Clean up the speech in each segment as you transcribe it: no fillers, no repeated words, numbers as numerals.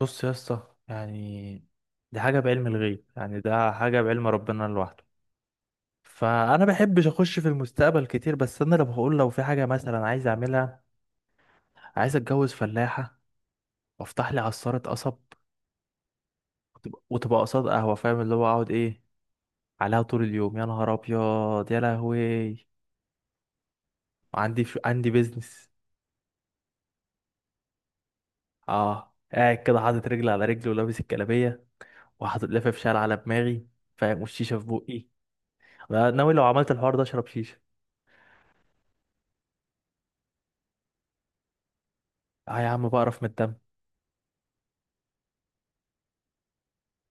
بص يا اسطى، يعني دي حاجة بعلم الغيب. يعني ده حاجة بعلم ربنا لوحده. فأنا بحبش أخش في المستقبل كتير، بس أنا لو بقول، لو في حاجة مثلا عايز أعملها، عايز أتجوز فلاحة وأفتح لي عصارة قصب وتبقى قصاد قهوة، فاهم؟ اللي هو أقعد إيه عليها طول اليوم. يا نهار أبيض يا لهوي! عندي بيزنس. آه، قاعد كده حاطط رجل على رجل، ولابس الجلابية، وحاطط لفة شال على دماغي، فاهم؟ والشيشة في بقي. أنا ناوي لو عملت الحوار ده أشرب شيشة. اه يا عم، بقرف من الدم.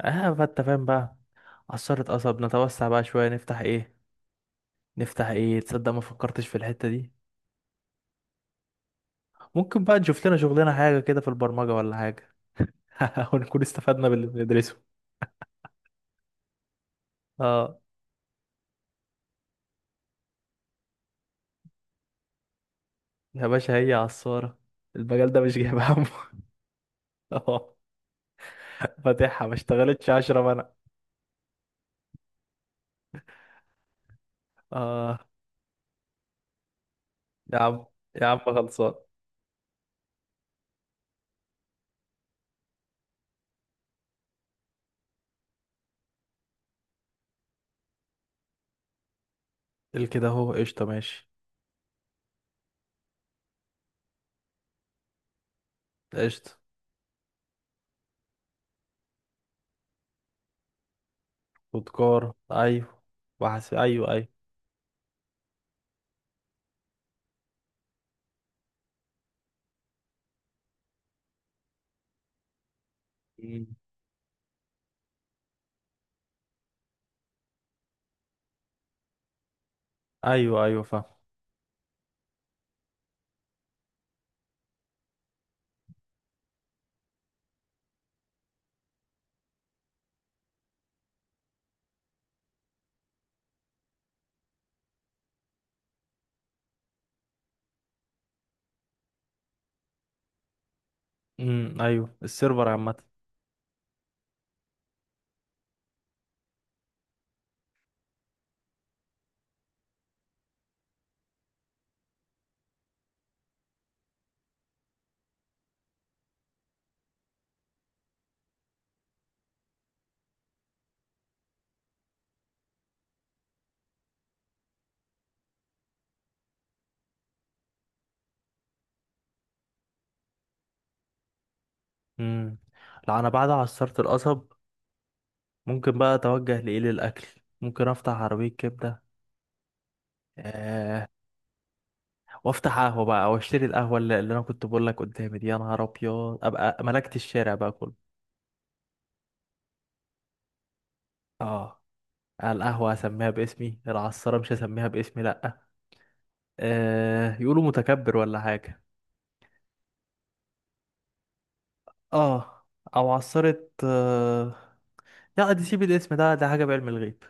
اه، فانت فاهم بقى؟ عصارة قصب، نتوسع بقى شوية، نفتح ايه؟ نفتح ايه؟ تصدق ما فكرتش في الحتة دي. ممكن بقى نشوف لنا شغلنا حاجة كده في البرمجة ولا حاجة. ونكون استفدنا باللي بندرسه. اه يا باشا، هي عصارة، المجال ده مش جايب همه. اه، فاتحها ما اشتغلتش عشرة منع. اه يا عم، يا عم خلصان. الكده اهو قشطة ماشي. قشطة. خد كار، ايوه. وحس، ايوه ايوه. مم. ايوه ايوه، فاهم. امم، ايوه السيرفر عامه. امم. لا، انا بعد عصرت القصب ممكن بقى اتوجه لايه، للاكل. ممكن افتح عربيه كبده، آه، وافتح قهوه بقى، واشتري القهوه اللي انا كنت بقول لك قدامي دي. يا نهار ابيض، ابقى ملكت الشارع بقى كله. اه، القهوه هسميها باسمي. العصاره مش هسميها باسمي، لا. آه، يقولوا متكبر ولا حاجه. اه. او عصاره آه... لا، دي سيب الاسم ده، ده حاجه بعلم الغيب.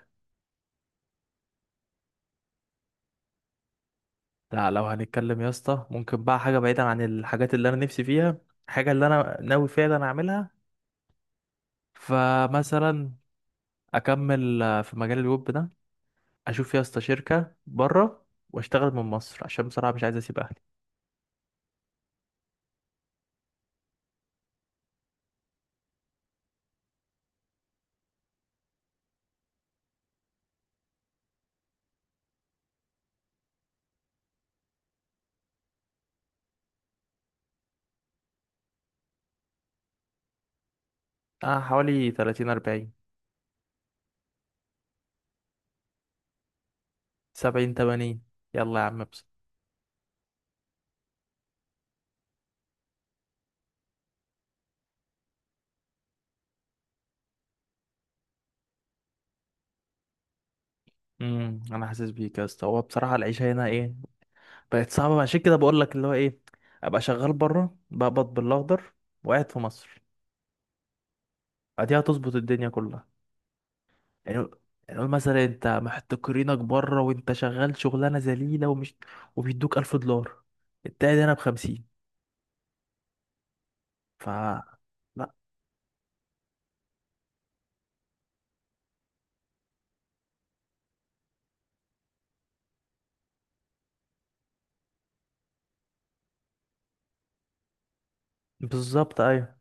لا، لو هنتكلم يا اسطى، ممكن بقى حاجة بعيدا عن الحاجات اللي انا نفسي فيها، حاجة اللي انا ناوي فعلا اعملها. فمثلا اكمل، في مجال الويب ده اشوف يا اسطى شركة بره، واشتغل من مصر، عشان بصراحة مش عايز اسيب اهلي. اه، حوالي 30 40. 70 80. يلا يا عم بس. امم، انا حاسس بيك يا اسطى. هو بصراحة العيشة هنا ايه؟ بقت صعبة. عشان كده بقول لك اللي هو ايه، ابقى شغال بره بقبض بالاخضر، وقاعد في مصر. ادي هتظبط الدنيا كلها. يعني قول، يعني قول مثلا انت محتكرينك بره وانت شغال شغلانه ذليله، ومش، وبيدوك 1000 دولار. التاني هنا بخمسين. ف لا، بالظبط، ايوه.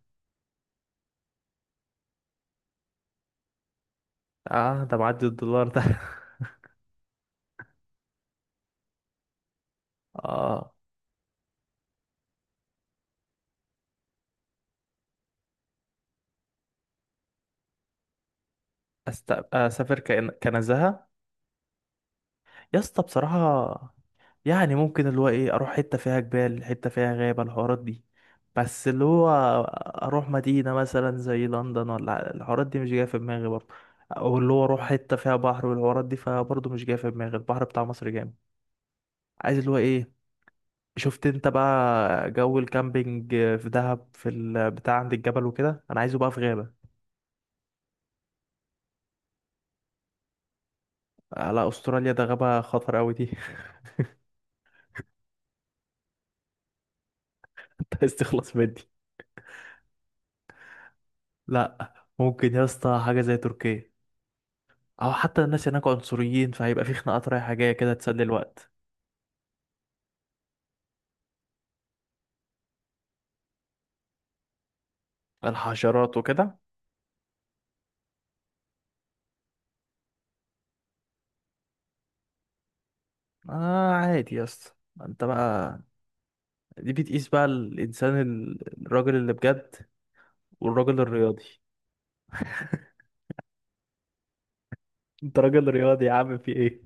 اه، ده معدي الدولار ده. اه. اسافر كنزهه يا اسطى؟ بصراحه، يعني ممكن اللي هو ايه، اروح حتة فيها جبال، حتة فيها غابة، الحوارات دي، بس اللي هو اروح مدينة مثلا زي لندن، ولا الحوارات دي مش جاية في دماغي برضه. او اللي هو اروح حتة فيها بحر والحوارات دي، فبرضه مش جاية في دماغي. البحر بتاع مصر جامد. عايز اللي هو ايه، شفت انت بقى جو الكامبينج في دهب، في البتاع عند الجبل وكده، انا عايزه بقى في غابة. لا، استراليا ده غابة خطر قوي دي. انت عايز تخلص من دي؟ لا. ممكن يا اسطى حاجة زي تركيا، او حتى الناس هناك عنصريين، فهيبقى في خناقات رايحة جاية كده تسلي الوقت. الحشرات وكده. آه، عادي يا اسطى. انت بقى، دي بتقيس بقى الانسان، الراجل اللي بجد، والراجل الرياضي. انت راجل رياضي يا عم، في ايه؟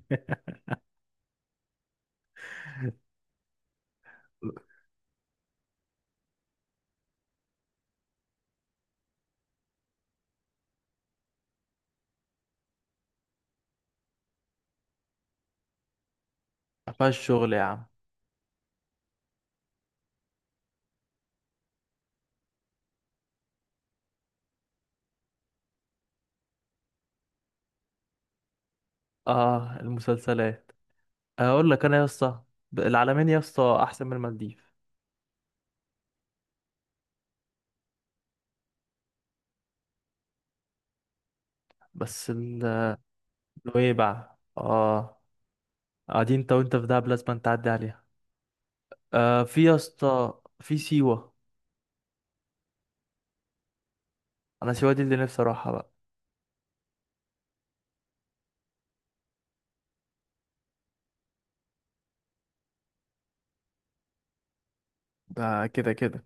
فيها الشغل يا عم. اه، المسلسلات. اقول لك انا يا اسطى، العلمين يا اسطى احسن من المالديف. بس ال- نويبع. اه، قاعدين انت، وانت في دهب لازم تعدي عليها. آه في يا اسطى، في سيوة. انا سيوة دي اللي نفسي اروحها بقى. ده كده كده.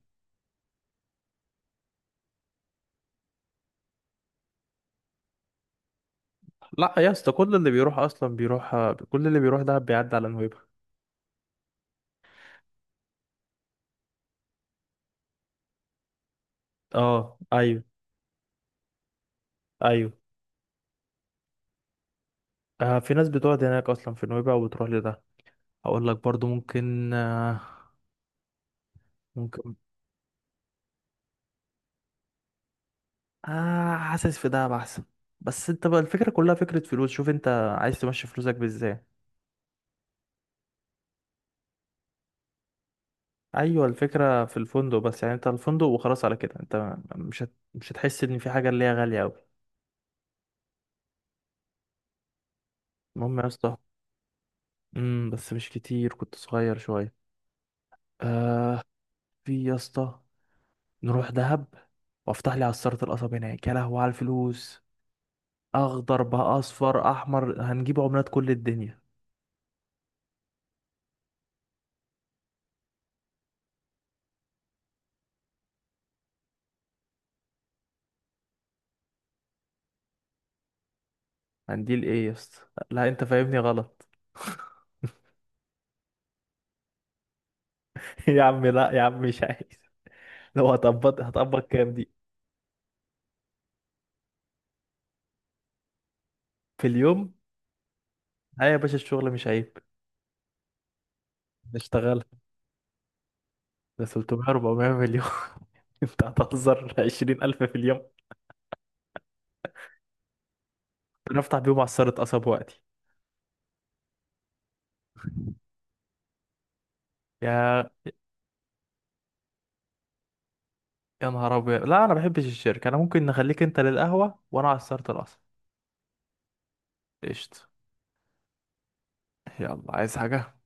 لا يا اسطى، كل اللي بيروح اصلا بيروح، كل اللي بيروح دهب بيعدي على نويبع. اه، ايوه ايوه. آه في ناس بتقعد هناك اصلا في نويبع وبتروح لده. هقول لك برضو، ممكن آه، ممكن. آه، حاسس في دهب احسن. بس انت بقى الفكره كلها فكره فلوس، شوف انت عايز تمشي فلوسك بازاي. ايوه، الفكره في الفندق بس. يعني انت الفندق وخلاص، على كده انت مش هتحس ان في حاجه اللي هي غاليه قوي. المهم يا اسطى. امم، بس مش كتير، كنت صغير شويه. آه. في يا اسطى، نروح دهب، وافتح لي عصارة القصب هناك. يا لهوي على الفلوس! اخضر بقى، اصفر، احمر، هنجيب عملات كل الدنيا. هنديل ايه يا اسطى؟ لا، انت فاهمني غلط. يا عم لا يا عم، مش عايز. لو هطبط هطبط كام دي؟ في اليوم؟ لا يا باشا، الشغل مش عيب. نشتغل. ده 300 400 مليون. انت هتهزر، 20,000 في اليوم، نفتح بيهم عصارة قصب وقتي. يا يا نهار ابيض! لا، انا ما بحبش الشركة. انا ممكن نخليك انت للقهوة، وانا عصارة القصب. قشطة. يلا. عايز حاجة؟